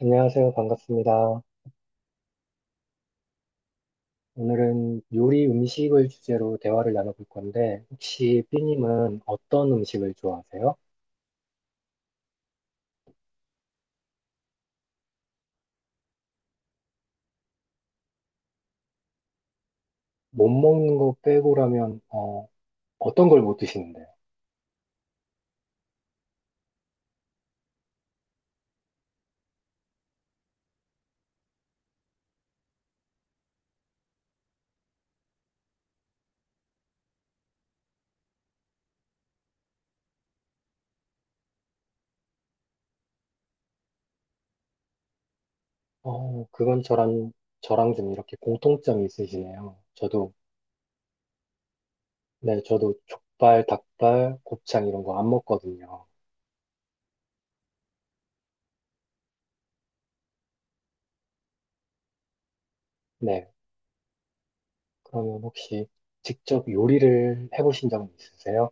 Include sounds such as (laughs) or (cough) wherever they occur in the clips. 안녕하세요. 반갑습니다. 오늘은 요리 음식을 주제로 대화를 나눠볼 건데, 혹시 삐님은 어떤 음식을 좋아하세요? 못 먹는 거 빼고라면, 떤 걸 못 드시는데요? 그건 저랑 좀 이렇게 공통점이 있으시네요. 네, 저도 족발, 닭발, 곱창 이런 거 안 먹거든요. 네, 그러면 혹시 직접 요리를 해보신 적은 있으세요?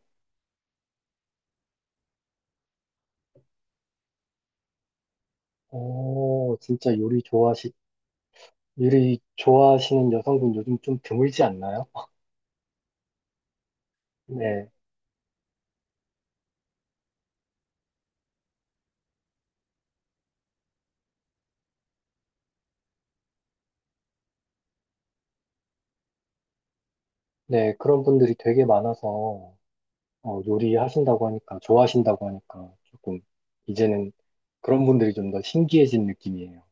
오, 진짜 요리 미리 좋아하시는 여성분 요즘 좀 드물지 않나요? 네, 네, 그런 분들이 되게 많아서 요리하신다고 하니까, 좋아하신다고 하니까 조금 이제는 그런 분들이 좀 더 신기해진 느낌이에요.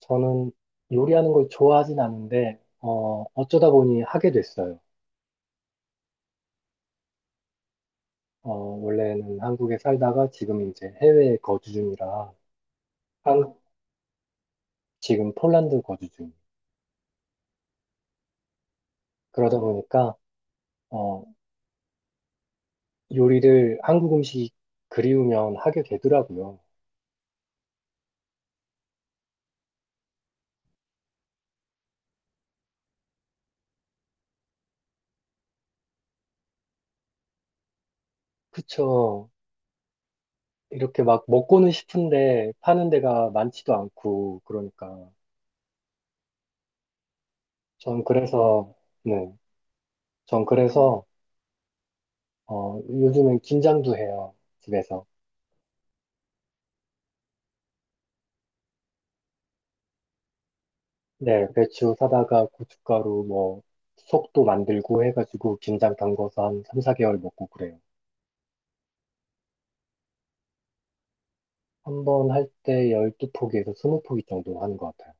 저는 요리하는 걸 좋아하진 않은데 어쩌다 보니 하게 됐어요. 원래는 한국에 살다가 지금 이제 해외에 거주 중이라 한, 지금 폴란드 거주 중. 그러다 보니까 어, 요리를 한국 음식이 그리우면 하게 되더라고요. 그쵸. 이렇게 막 먹고는 싶은데 파는 데가 많지도 않고 그러니까 전 그래서 네, 전 그래서 요즘엔 김장도 해요 집에서. 네, 배추 사다가 고춧가루 뭐 속도 만들고 해가지고 김장 담궈서 한 3, 4개월 먹고 그래요. 한 번 할 때 12포기에서 20포기 정도 하는 것 같아요.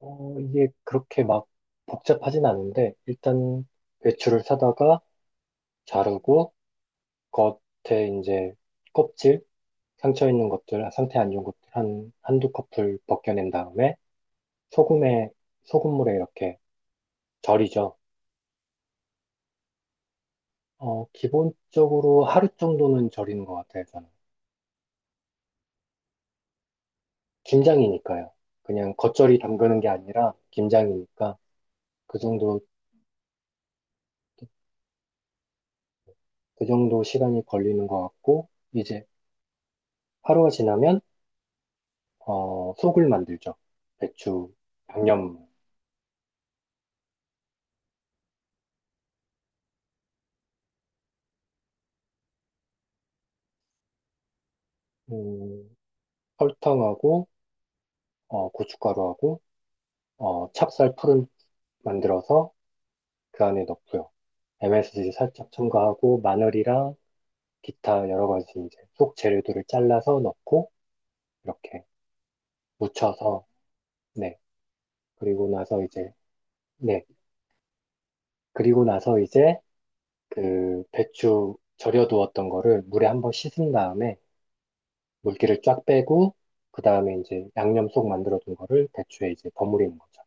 이게 그렇게 막 복잡하진 않은데 일단 배추를 사다가 자르고 겉에 이제 껍질, 상처 있는 것들, 상태 안 좋은 것들 한두 커플 벗겨낸 다음에 소금에, 소금물에 이렇게 절이죠. 기본적으로 하루 정도는 절이는 것 같아요, 저는. 김장이니까요. 그냥 겉절이 담그는 게 아니라 김장이니까 그 정도, 그 정도 시간이 걸리는 것 같고, 이제 하루가 지나면, 속을 만들죠. 배추, 양념, 음, 설탕하고, 고춧가루하고, 찹쌀 풀을 만들어서 그 안에 넣고요. MSG 살짝 첨가하고 마늘이랑 기타 여러 가지 이제 속 재료들을 잘라서 넣고 이렇게 무쳐서 네. 그리고 나서 이제 네. 그리고 나서 이제 그 배추 절여두었던 거를 물에 한번 씻은 다음에 물기를 쫙 빼고 그 다음에 이제 양념 속 만들어둔 거를 배추에 이제 버무리는 거죠.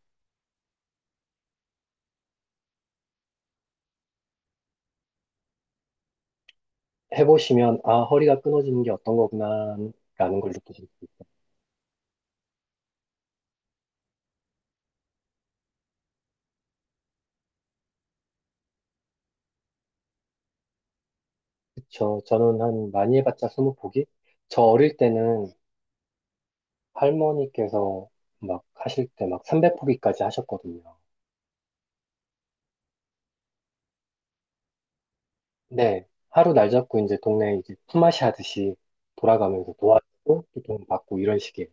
해보시면 아 허리가 끊어지는 게 어떤 거구나 라는 걸 느끼실 수 그쵸. 저는 한 많이 해봤자 20포기? 저 어릴 때는 할머니께서 막 하실 때 막 300포기까지 하셨거든요. 네. 하루 날 잡고 이제 동네 이제 품앗이 하듯이 돌아가면서 도와주고 또 돈 받고 이런 식이에요.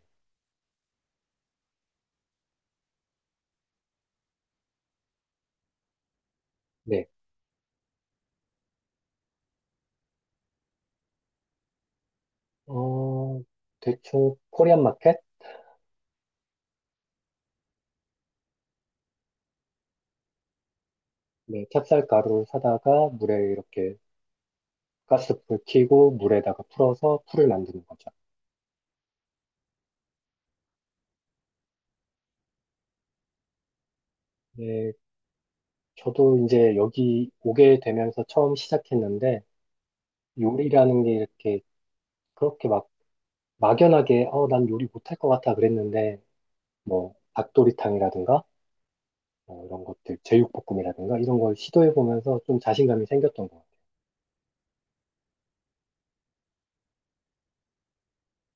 네. 어, 대충 코리안 마켓? 네. 찹쌀가루를 사다가 물에 이렇게 가스불 켜고 물에다가 풀어서 풀을 만드는 거죠. 네. 저도 이제 여기 오게 되면서 처음 시작했는데 요리라는 게 이렇게 그렇게 막 막연하게 난 요리 못할 것 같아 그랬는데 뭐 닭도리탕이라든가 뭐 이런 것들 제육볶음이라든가 이런 걸 시도해 보면서 좀 자신감이 생겼던 것 같아요.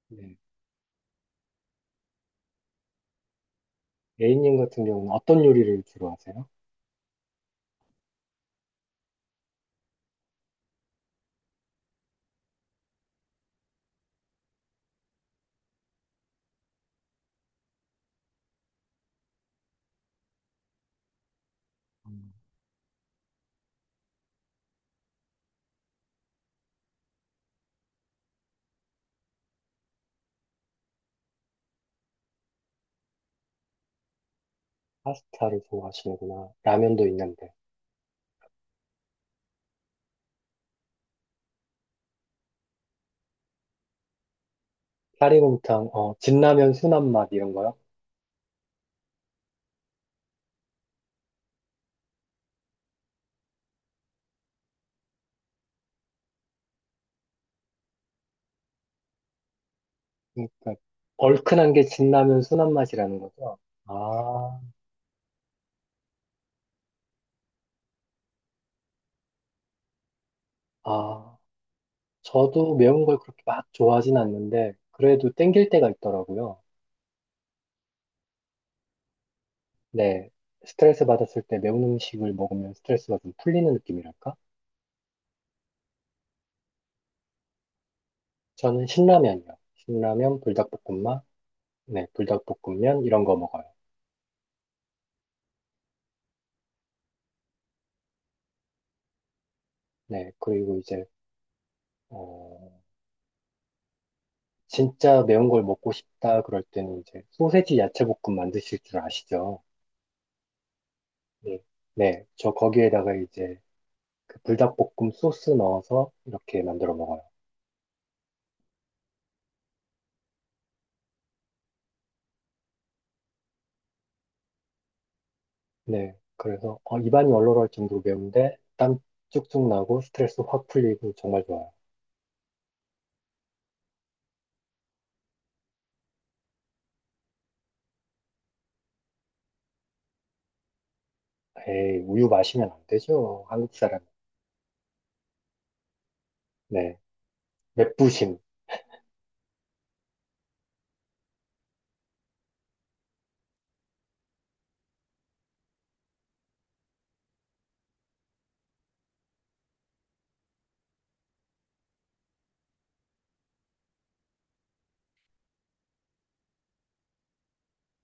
네. A님 같은 경우는 어떤 요리를 주로 하세요? 음. 파스타를 좋아하시는구나. 라면도 있는데 사리곰탕, 진라면 순한 맛 이런 거요? 그러니까 얼큰한 게 진라면 순한 맛이라는 거죠? 아, 아, 저도 매운 걸 그렇게 막 좋아하진 않는데 그래도 땡길 때가 있더라고요. 네, 스트레스 받았을 때 매운 음식을 먹으면 스트레스가 좀 풀리는 느낌이랄까? 저는 신라면이요. 신라면, 불닭볶음밥, 네, 불닭볶음면 이런 거 먹어요. 네, 그리고 이제 어, 진짜 매운 걸 먹고 싶다 그럴 때는 이제 소세지 야채볶음 만드실 줄 아시죠? 네, 네, 저 거기에다가 이제 그 불닭볶음 소스 넣어서 이렇게 만들어 먹어요. 네, 그래서 입안이 얼얼할 정도로 매운데 땀 쭉쭉 나고 스트레스 확 풀리고 정말 좋아요. 에이, 우유 마시면 안 되죠. 한국 사람. 네. 맵부심.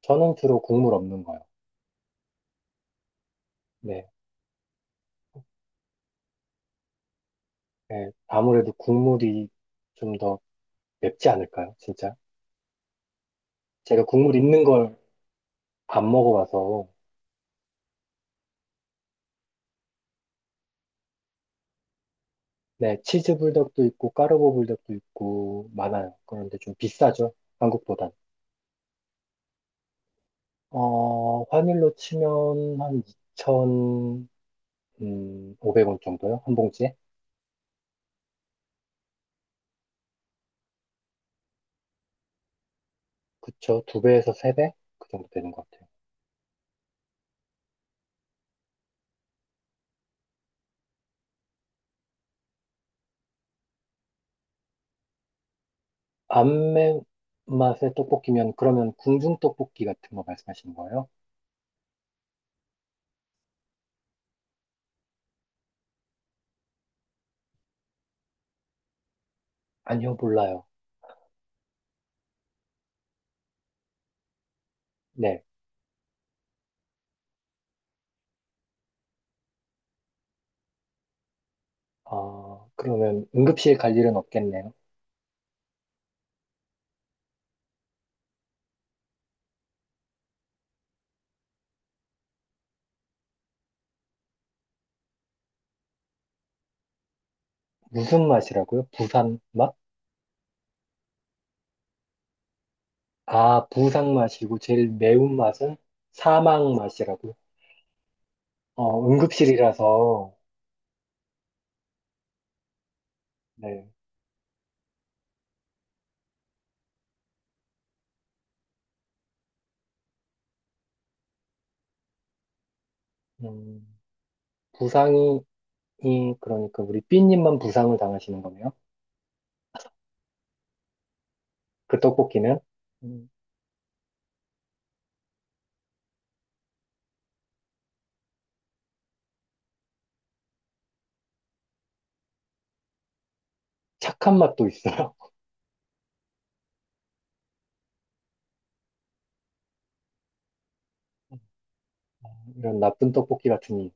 저는 주로 국물 없는 거요. 네. 네. 아무래도 국물이 좀 더 맵지 않을까요? 진짜? 제가 국물 있는 걸 안 먹어봐서. 네. 치즈 불닭도 있고, 까르보 불닭도 있고, 많아요. 그런데 좀 비싸죠. 한국보단. 환율로 치면 한 2,500원 정도요? 한 봉지에? 그쵸. 2배에서 3배? 그 정도 되는 것 같아요. 안 매운 맛의 떡볶이면 그러면 궁중 떡볶이 같은 거 말씀하시는 거예요? 아니요, 몰라요. 네. 아, 그러면 응급실 갈 일은 없겠네요. 무슨 맛이라고요? 부산 맛? 아, 부산 맛이고 제일 매운 맛은 사망 맛이라고요? 응급실이라서 네. 음, 부상이 그러니까 우리 삐님만 부상을 당하시는 거네요. 그 떡볶이는 음, 착한 맛도 있어요. (laughs) 이런 나쁜 떡볶이 같은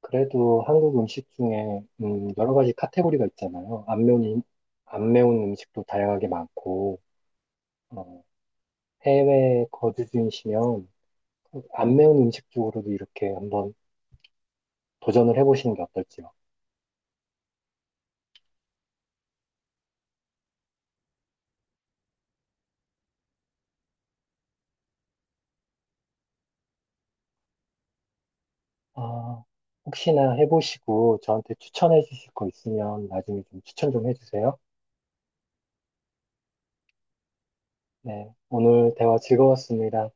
그래도 한국 음식 중에 여러 가지 카테고리가 있잖아요. 안 매운 음식도 다양하게 많고, 어, 해외 거주 중이시면 안 매운 음식 쪽으로도 이렇게 한번 도전을 해보시는 게 어떨지요? 아, 혹시나 해보시고 저한테 추천해 주실 거 있으면 나중에 좀 추천 좀 해주세요. 네, 오늘 대화 즐거웠습니다.